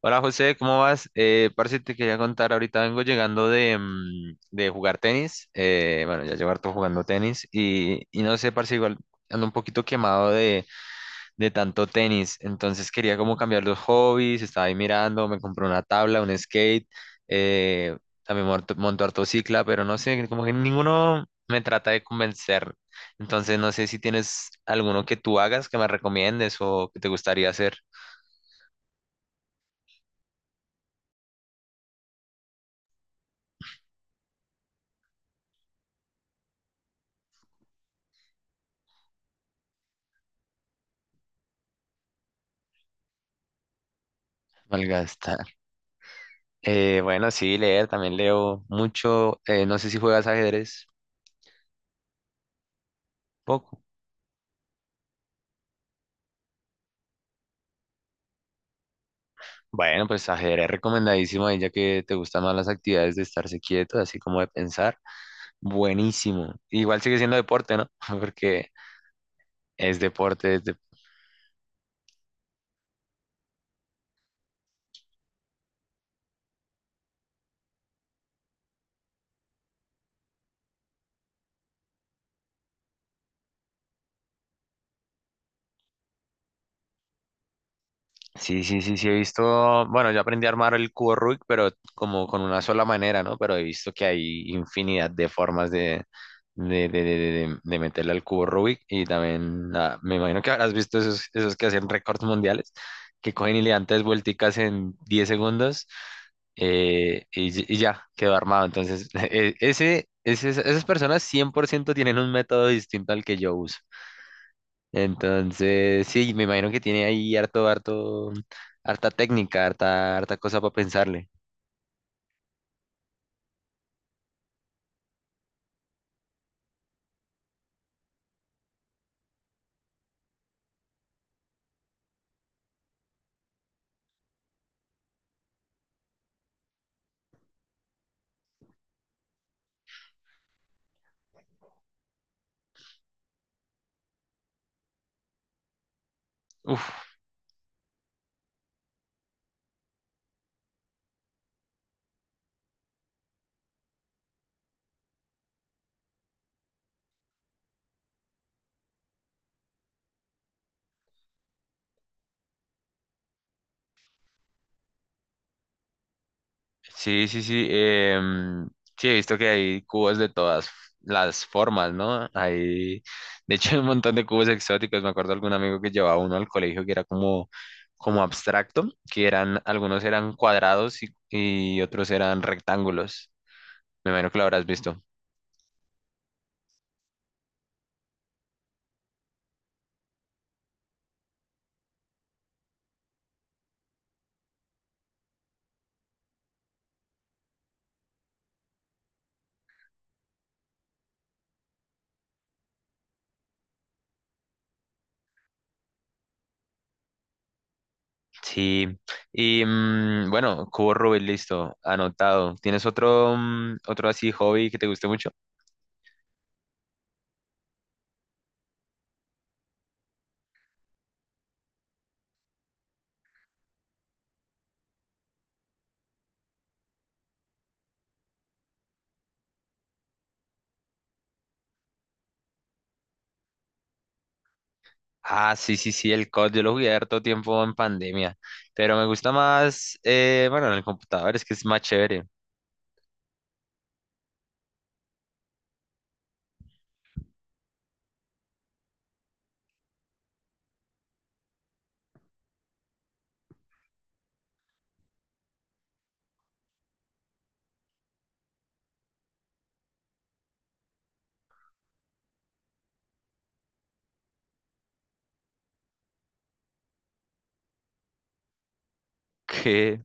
Hola José, ¿cómo vas? Parce, te quería contar, ahorita vengo llegando de, de jugar tenis, bueno, ya llevo harto jugando tenis y no sé, parce, igual ando un poquito quemado de tanto tenis, entonces quería como cambiar los hobbies, estaba ahí mirando, me compré una tabla, un skate, eh, también monto harto cicla, pero no sé, como que ninguno me trata de convencer, entonces no sé si tienes alguno que tú hagas, que me recomiendes o que te gustaría hacer. Malgasta. Bueno, sí, leer, también leo mucho. No sé si juegas ajedrez, poco. Bueno, pues ajedrez recomendadísimo ahí, ya que te gustan más las actividades de estarse quieto, así como de pensar. Buenísimo. Igual sigue siendo deporte, ¿no? Porque es deporte. Sí, sí, sí, sí, he visto, bueno, yo aprendí a armar el cubo Rubik, pero como con una sola manera, ¿no? Pero he visto que hay infinidad de formas de meterle al cubo Rubik y también me imagino que habrás visto esos, que hacen récords mundiales, que cogen y le dan tres vuelticas en 10 segundos y ya, quedó armado. Entonces, esas personas 100% tienen un método distinto al que yo uso. Entonces, sí, me imagino que tiene ahí harto, harto, harta técnica, harta, harta cosa para pensarle. Uf, sí, sí, sí. Sí, he visto que hay cubos de todas las formas, ¿no? Hay, de hecho, hay un montón de cubos exóticos. Me acuerdo de algún amigo que llevaba uno al colegio que era como abstracto, que eran, algunos eran cuadrados y otros eran rectángulos. Me imagino que lo habrás visto. Sí, y bueno, cubo Rubik, listo, anotado. ¿Tienes otro así hobby que te guste mucho? Ah, sí, sí, sí, el COD, yo lo jugué harto tiempo en pandemia, pero me gusta más, bueno, en el computador, es que es más chévere. Qué,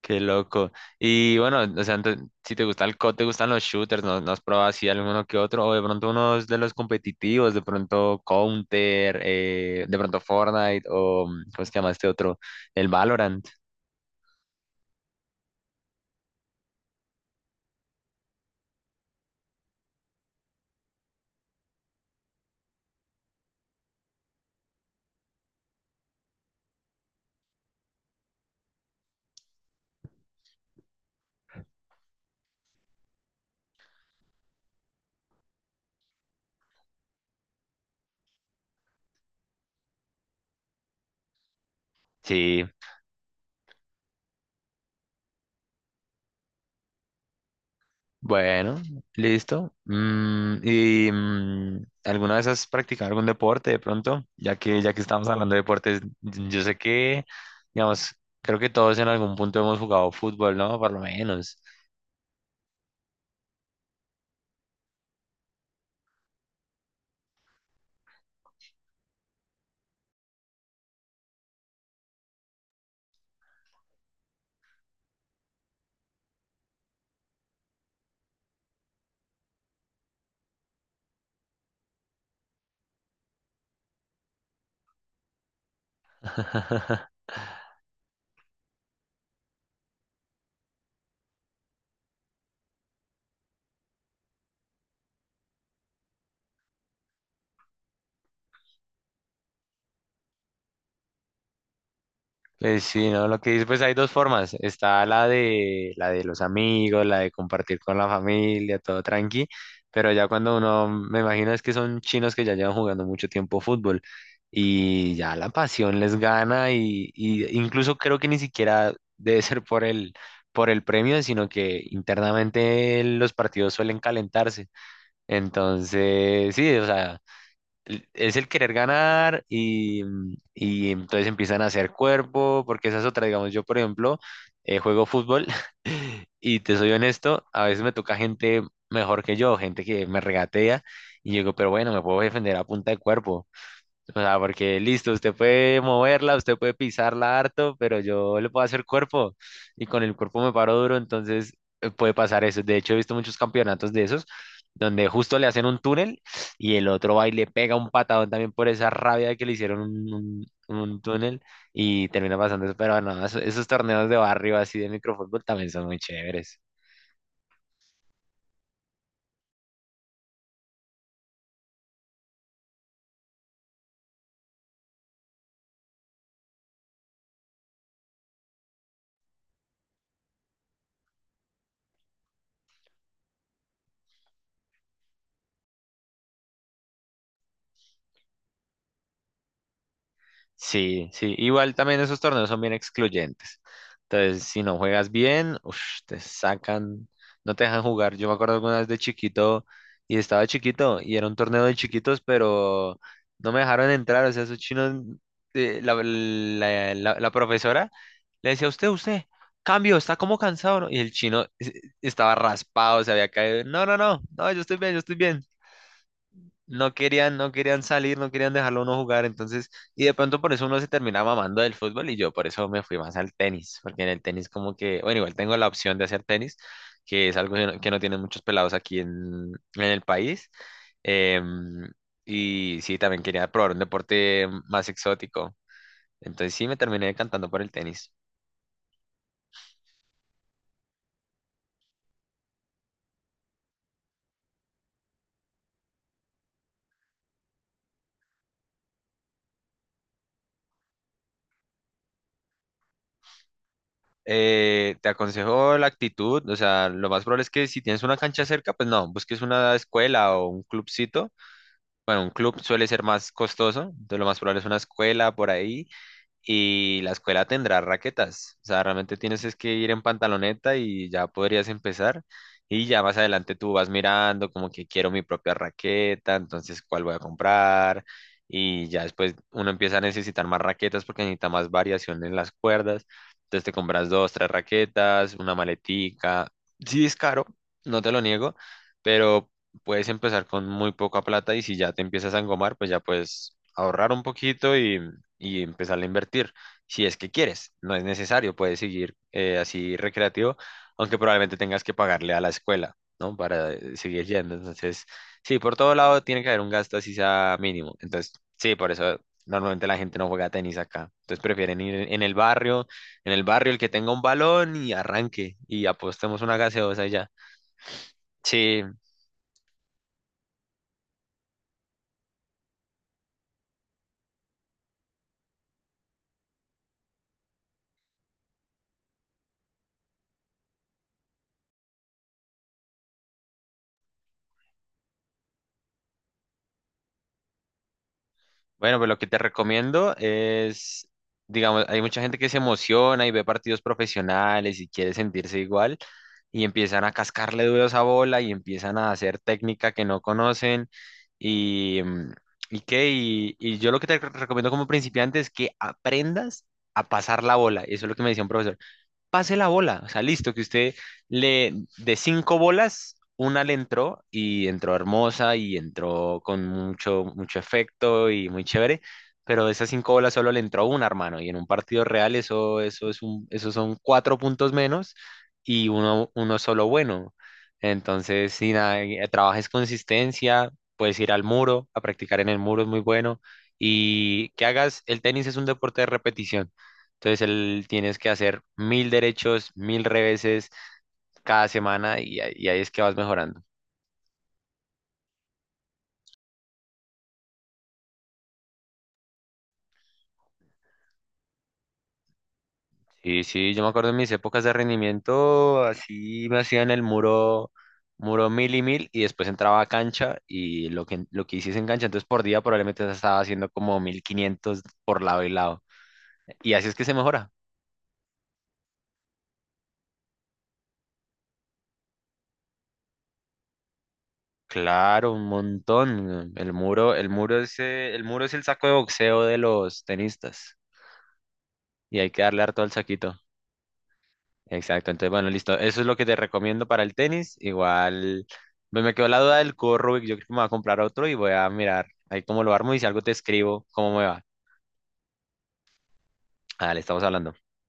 qué loco. Y bueno, o sea, si te gusta el COD, te gustan los shooters, ¿no, no has probado así alguno que otro? O de pronto unos de los competitivos, de pronto Counter, de pronto Fortnite, o ¿cómo se llama este otro? El Valorant. Sí. Bueno, listo. ¿Y alguna vez has practicado algún deporte de pronto? Ya que estamos hablando de deportes, yo sé que, digamos, creo que todos en algún punto hemos jugado fútbol, ¿no? Por lo menos. Pues sí, ¿no? Lo que dices, pues hay dos formas. Está la de los amigos, la de compartir con la familia, todo tranqui. Pero ya cuando uno, me imagino es que son chinos que ya llevan jugando mucho tiempo fútbol y ya la pasión les gana y incluso creo que ni siquiera debe ser por por el premio, sino que internamente los partidos suelen calentarse. Entonces, sí, o sea es el querer ganar y, y entonces empiezan a hacer cuerpo, porque esa es otra, digamos, yo por ejemplo juego fútbol y te soy honesto, a veces me toca gente mejor que yo, gente que me regatea y yo digo, pero bueno, me puedo defender a punta de cuerpo. O sea, porque listo, usted puede moverla, usted puede pisarla harto, pero yo le puedo hacer cuerpo y con el cuerpo me paro duro, entonces puede pasar eso. De hecho, he visto muchos campeonatos de esos donde justo le hacen un túnel y el otro va y le pega un patadón también por esa rabia de que le hicieron un túnel y termina pasando eso. Pero no, esos torneos de barrio así de microfútbol también son muy chéveres. Sí, sí, igual también esos torneos son bien excluyentes. Entonces, si no juegas bien, ush, te sacan, no te dejan jugar. Yo me acuerdo alguna vez de chiquito y estaba chiquito y era un torneo de chiquitos, pero no me dejaron entrar. O sea, esos chinos, la profesora le decía, usted, usted, cambio, está como cansado, ¿no?". Y el chino estaba raspado, se había caído. No, no, no, no, yo estoy bien, yo estoy bien, no querían, no querían salir, no querían dejarlo a uno jugar, entonces, y de pronto por eso uno se terminaba mamando del fútbol y yo por eso me fui más al tenis, porque en el tenis como que, bueno, igual tengo la opción de hacer tenis, que es algo que no tienen muchos pelados aquí en el país. em, y sí, también quería probar un deporte más exótico, entonces sí me terminé decantando por el tenis. Te aconsejo la actitud, o sea, lo más probable es que si tienes una cancha cerca, pues no, busques una escuela o un clubcito. Bueno, un club suele ser más costoso, entonces lo más probable es una escuela por ahí y la escuela tendrá raquetas. O sea, realmente tienes es que ir en pantaloneta y ya podrías empezar. Y ya más adelante tú vas mirando como que quiero mi propia raqueta, entonces cuál voy a comprar. Y ya después uno empieza a necesitar más raquetas porque necesita más variación en las cuerdas. Entonces te compras dos, tres raquetas, una maletica. Sí es caro, no te lo niego, pero puedes empezar con muy poca plata y si ya te empiezas a engomar, pues ya puedes ahorrar un poquito y empezar a invertir. Si es que quieres, no es necesario, puedes seguir así recreativo, aunque probablemente tengas que pagarle a la escuela, ¿no? Para seguir yendo. Entonces, sí, por todo lado tiene que haber un gasto así sea mínimo. Entonces, sí, por eso normalmente la gente no juega tenis acá. Entonces prefieren ir en el barrio el que tenga un balón y arranque y apostemos una gaseosa y ya. Sí, bueno, pues lo que te recomiendo es, digamos, hay mucha gente que se emociona y ve partidos profesionales y quiere sentirse igual y empiezan a cascarle duro a esa bola y empiezan a hacer técnica que no conocen y, y yo lo que te recomiendo como principiante es que aprendas a pasar la bola. Eso es lo que me decía un profesor, pase la bola. O sea, listo, que usted le de cinco bolas, una le entró y entró hermosa y entró con mucho, mucho efecto y muy chévere, pero de esas cinco bolas solo le entró una, hermano. Y en un partido real eso, eso es un, eso son cuatro puntos menos y uno, uno solo bueno. Entonces, si nada, trabajes consistencia, puedes ir al muro, a practicar en el muro es muy bueno. Y que hagas, el tenis es un deporte de repetición. Entonces él tienes que hacer 1000 derechos, 1000 reveses cada semana y ahí es que vas mejorando. Y sí, yo me acuerdo en mis épocas de rendimiento, así me hacían el muro, mil y mil y después entraba a cancha y lo que hiciese en cancha, entonces por día probablemente estaba haciendo como 1500 por lado y lado. Y así es que se mejora. Claro, un montón. El muro es, el muro es el saco de boxeo de los tenistas y hay que darle harto al saquito. Exacto, entonces bueno, listo. Eso es lo que te recomiendo para el tenis. Igual me quedó la duda del cubo Rubik. Yo creo que me voy a comprar otro y voy a mirar ahí cómo lo armo y si algo te escribo, cómo me va. Dale, estamos hablando.